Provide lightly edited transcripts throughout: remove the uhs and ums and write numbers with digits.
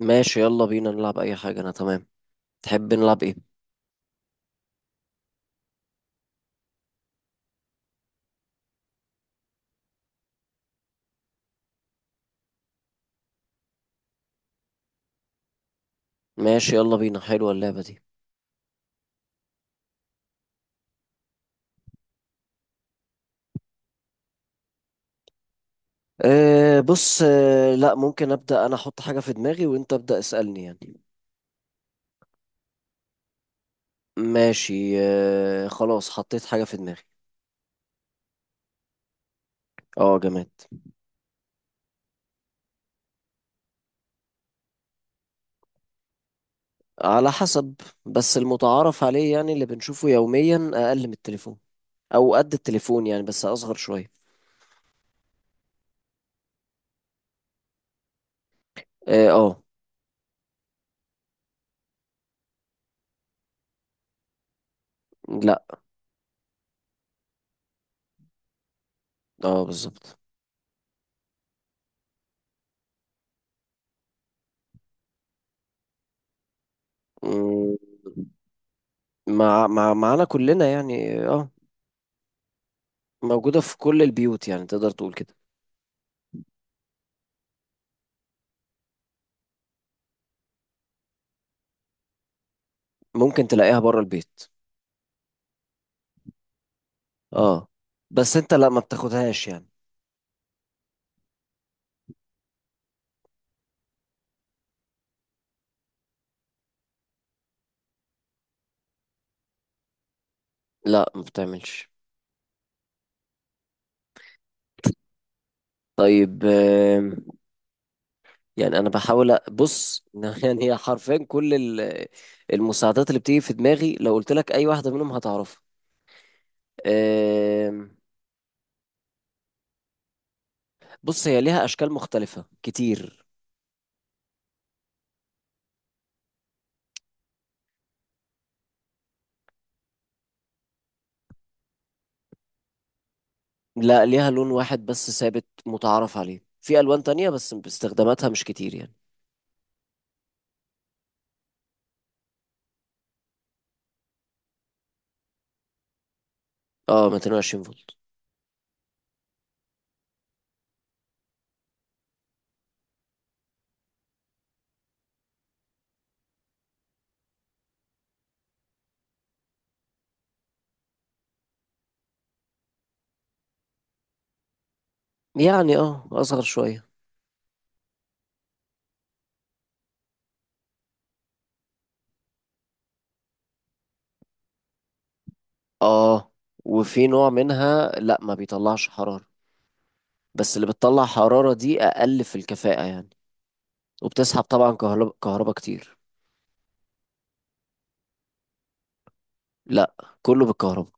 ماشي، يلا بينا نلعب اي حاجة، انا تمام. تحب نلعب ايه؟ ماشي، يلا بينا، حلوة اللعبة دي. أه، بص. لا، ممكن ابدأ انا احط حاجة في دماغي، وانت ابدأ اسألني يعني. ماشي، أه خلاص حطيت حاجة في دماغي. اه، جماد. على حسب. بس المتعارف عليه يعني اللي بنشوفه يوميا اقل من التليفون. او قد التليفون يعني، بس اصغر شوية. اه. لا. اه، بالظبط. مم، مع مع معانا كلنا يعني اه. موجودة في كل البيوت، يعني تقدر تقول كده. ممكن تلاقيها بره البيت. اه، بس انت لا، ما بتاخدهاش يعني. لا، ما بتعملش. طيب، يعني انا بحاول بص، يعني هي حرفيا كل المساعدات اللي بتيجي في دماغي، لو قلت لك اي واحده منهم هتعرفها. آم، بص، هي ليها اشكال مختلفه كتير. لا، ليها لون واحد بس ثابت متعارف عليه، في الوان تانية بس استخداماتها مش كتير يعني. اه، 220 فولت. يعني اه اصغر شويه. اه، وفي نوع منها لا ما بيطلعش حرارة. بس اللي بتطلع حرارة دي أقل في الكفاءة يعني. وبتسحب طبعا كهرباء كتير. لا، كله بالكهرباء.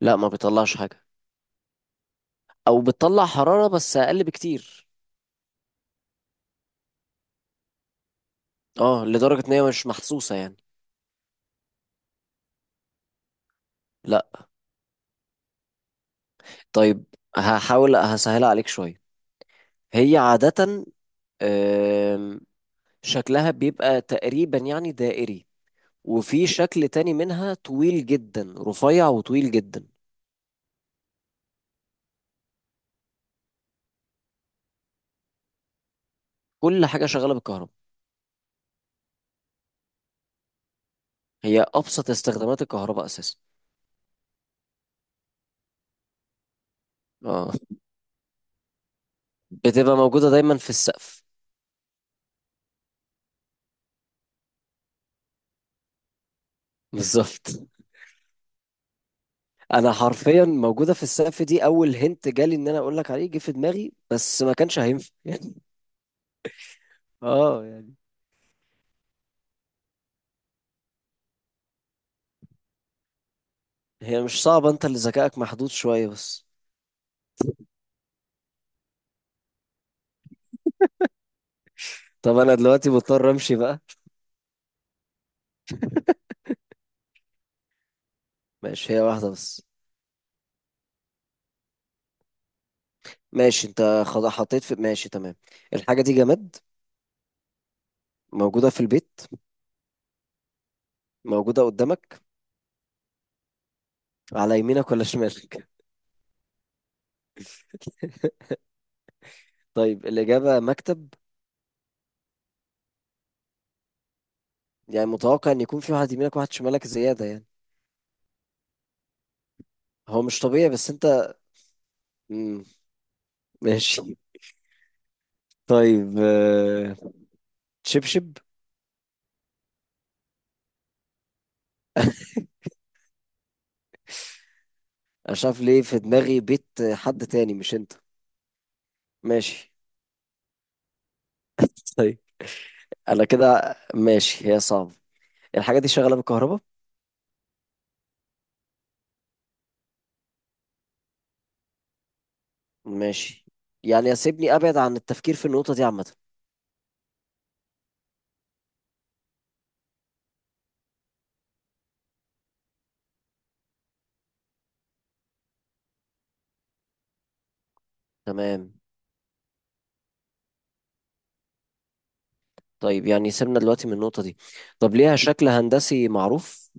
لا، ما بيطلعش حاجة. أو بتطلع حرارة بس أقل بكتير. اه، لدرجة إن هي مش محسوسة يعني. لا. طيب، هحاول هسهلها عليك شوية. هي عادة، آم، شكلها بيبقى تقريبا يعني دائري. وفي شكل تاني منها طويل جدا، رفيع وطويل جدا. كل حاجة شغالة بالكهرباء. هي ابسط استخدامات الكهرباء اساسا. اه، بتبقى موجوده دايما في السقف. بالظبط. انا حرفيا موجوده في السقف، دي اول هنت جالي ان انا اقول لك عليه، جه في دماغي بس ما كانش هينفع يعني. اه يعني. هي مش صعبه، انت اللي ذكائك محدود شويه بس. طب انا دلوقتي مضطر امشي بقى. ماشي، هي واحده بس. ماشي، انت خلاص حطيت في، ماشي تمام. الحاجه دي جماد. موجوده في البيت. موجوده قدامك. على يمينك ولا شمالك؟ طيب، الاجابه مكتب. يعني متوقع ان يكون في واحد يمينك وواحد شمالك زيادة يعني. هو مش طبيعي بس انت. مم. ماشي. طيب، شبشب. انا مش عارف ليه في دماغي بيت. حد تاني مش انت. ماشي. طيب. انا كده ماشي، هي صعبة. الحاجة دي شغالة بالكهرباء. ماشي. يعني سيبني ابعد عن التفكير في النقطة دي عامة. تمام. طيب يعني سيبنا دلوقتي من النقطة دي. طب ليها شكل هندسي معروف؟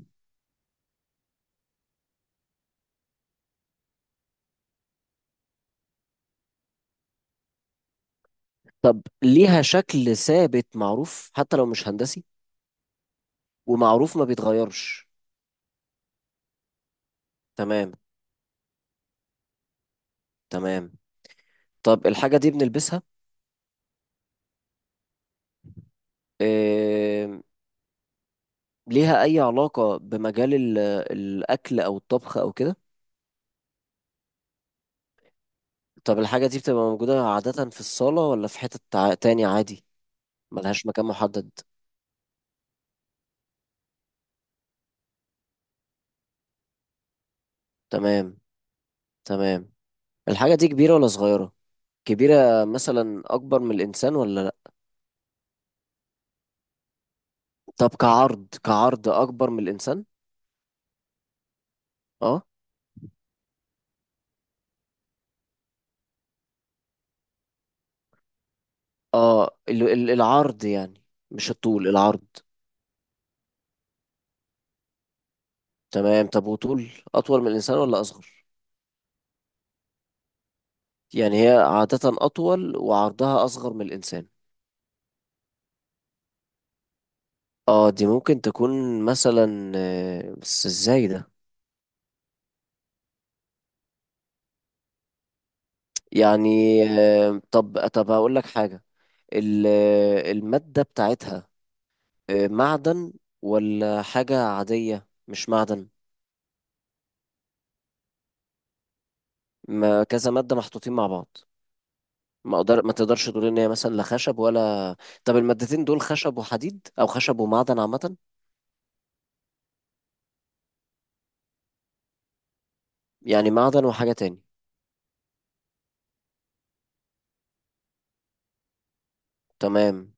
طب ليها شكل ثابت معروف حتى لو مش هندسي؟ ومعروف ما بيتغيرش. تمام، تمام. طب الحاجة دي بنلبسها؟ إيه... ليها أي علاقة بمجال الأكل أو الطبخ أو كده؟ طب الحاجة دي بتبقى موجودة عادة في الصالة ولا في حتة تاني عادي؟ ملهاش مكان محدد. تمام، تمام. الحاجة دي كبيرة ولا صغيرة؟ كبيرة مثلا أكبر من الإنسان ولا لأ؟ طب كعرض أكبر من الإنسان؟ أه. أه، العرض يعني. مش الطول، العرض. تمام. طب وطول، أطول من الإنسان ولا أصغر؟ يعني هي عادة أطول وعرضها أصغر من الإنسان. اه، دي ممكن تكون مثلا، بس ازاي ده؟ يعني. طب طب هقول لك حاجة. المادة بتاعتها، معدن ولا حاجة عادية مش معدن؟ ما كذا مادة محطوطين مع بعض. ما أقدر ما تقدرش تقول ان هي مثلا لا خشب ولا. طب المادتين دول خشب وحديد او خشب ومعدن عامة؟ يعني معدن وحاجة تاني؟ تمام.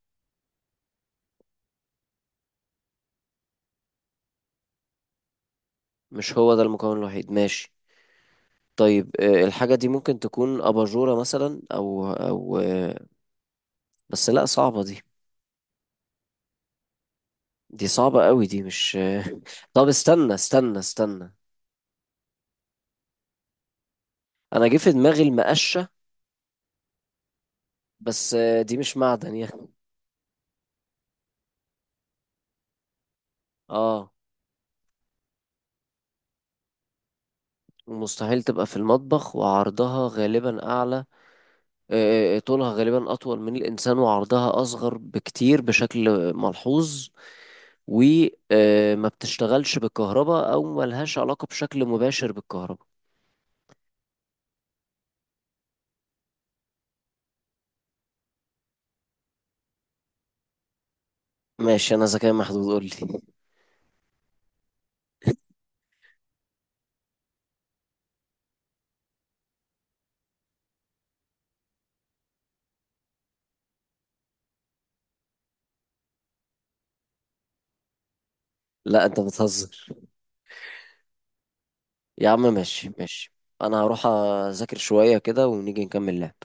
مش هو ده المكون الوحيد، ماشي. طيب، الحاجة دي ممكن تكون أباجورة مثلا أو بس لأ، صعبة دي. دي صعبة قوي، دي مش طب، استنى استنى استنى. أنا جه في دماغي المقشة. بس دي مش معدن يعني. اه. ومستحيل تبقى في المطبخ، وعرضها غالبا أعلى. طولها غالبا أطول من الإنسان، وعرضها أصغر بكتير بشكل ملحوظ. وما بتشتغلش بالكهرباء أو ملهاش علاقة بشكل مباشر بالكهرباء. ماشي، أنا ذكاء محدود، قولي. لا، انت بتهزر. يا عم ماشي ماشي. انا هروح اذاكر شوية كده ونيجي نكمل لعب.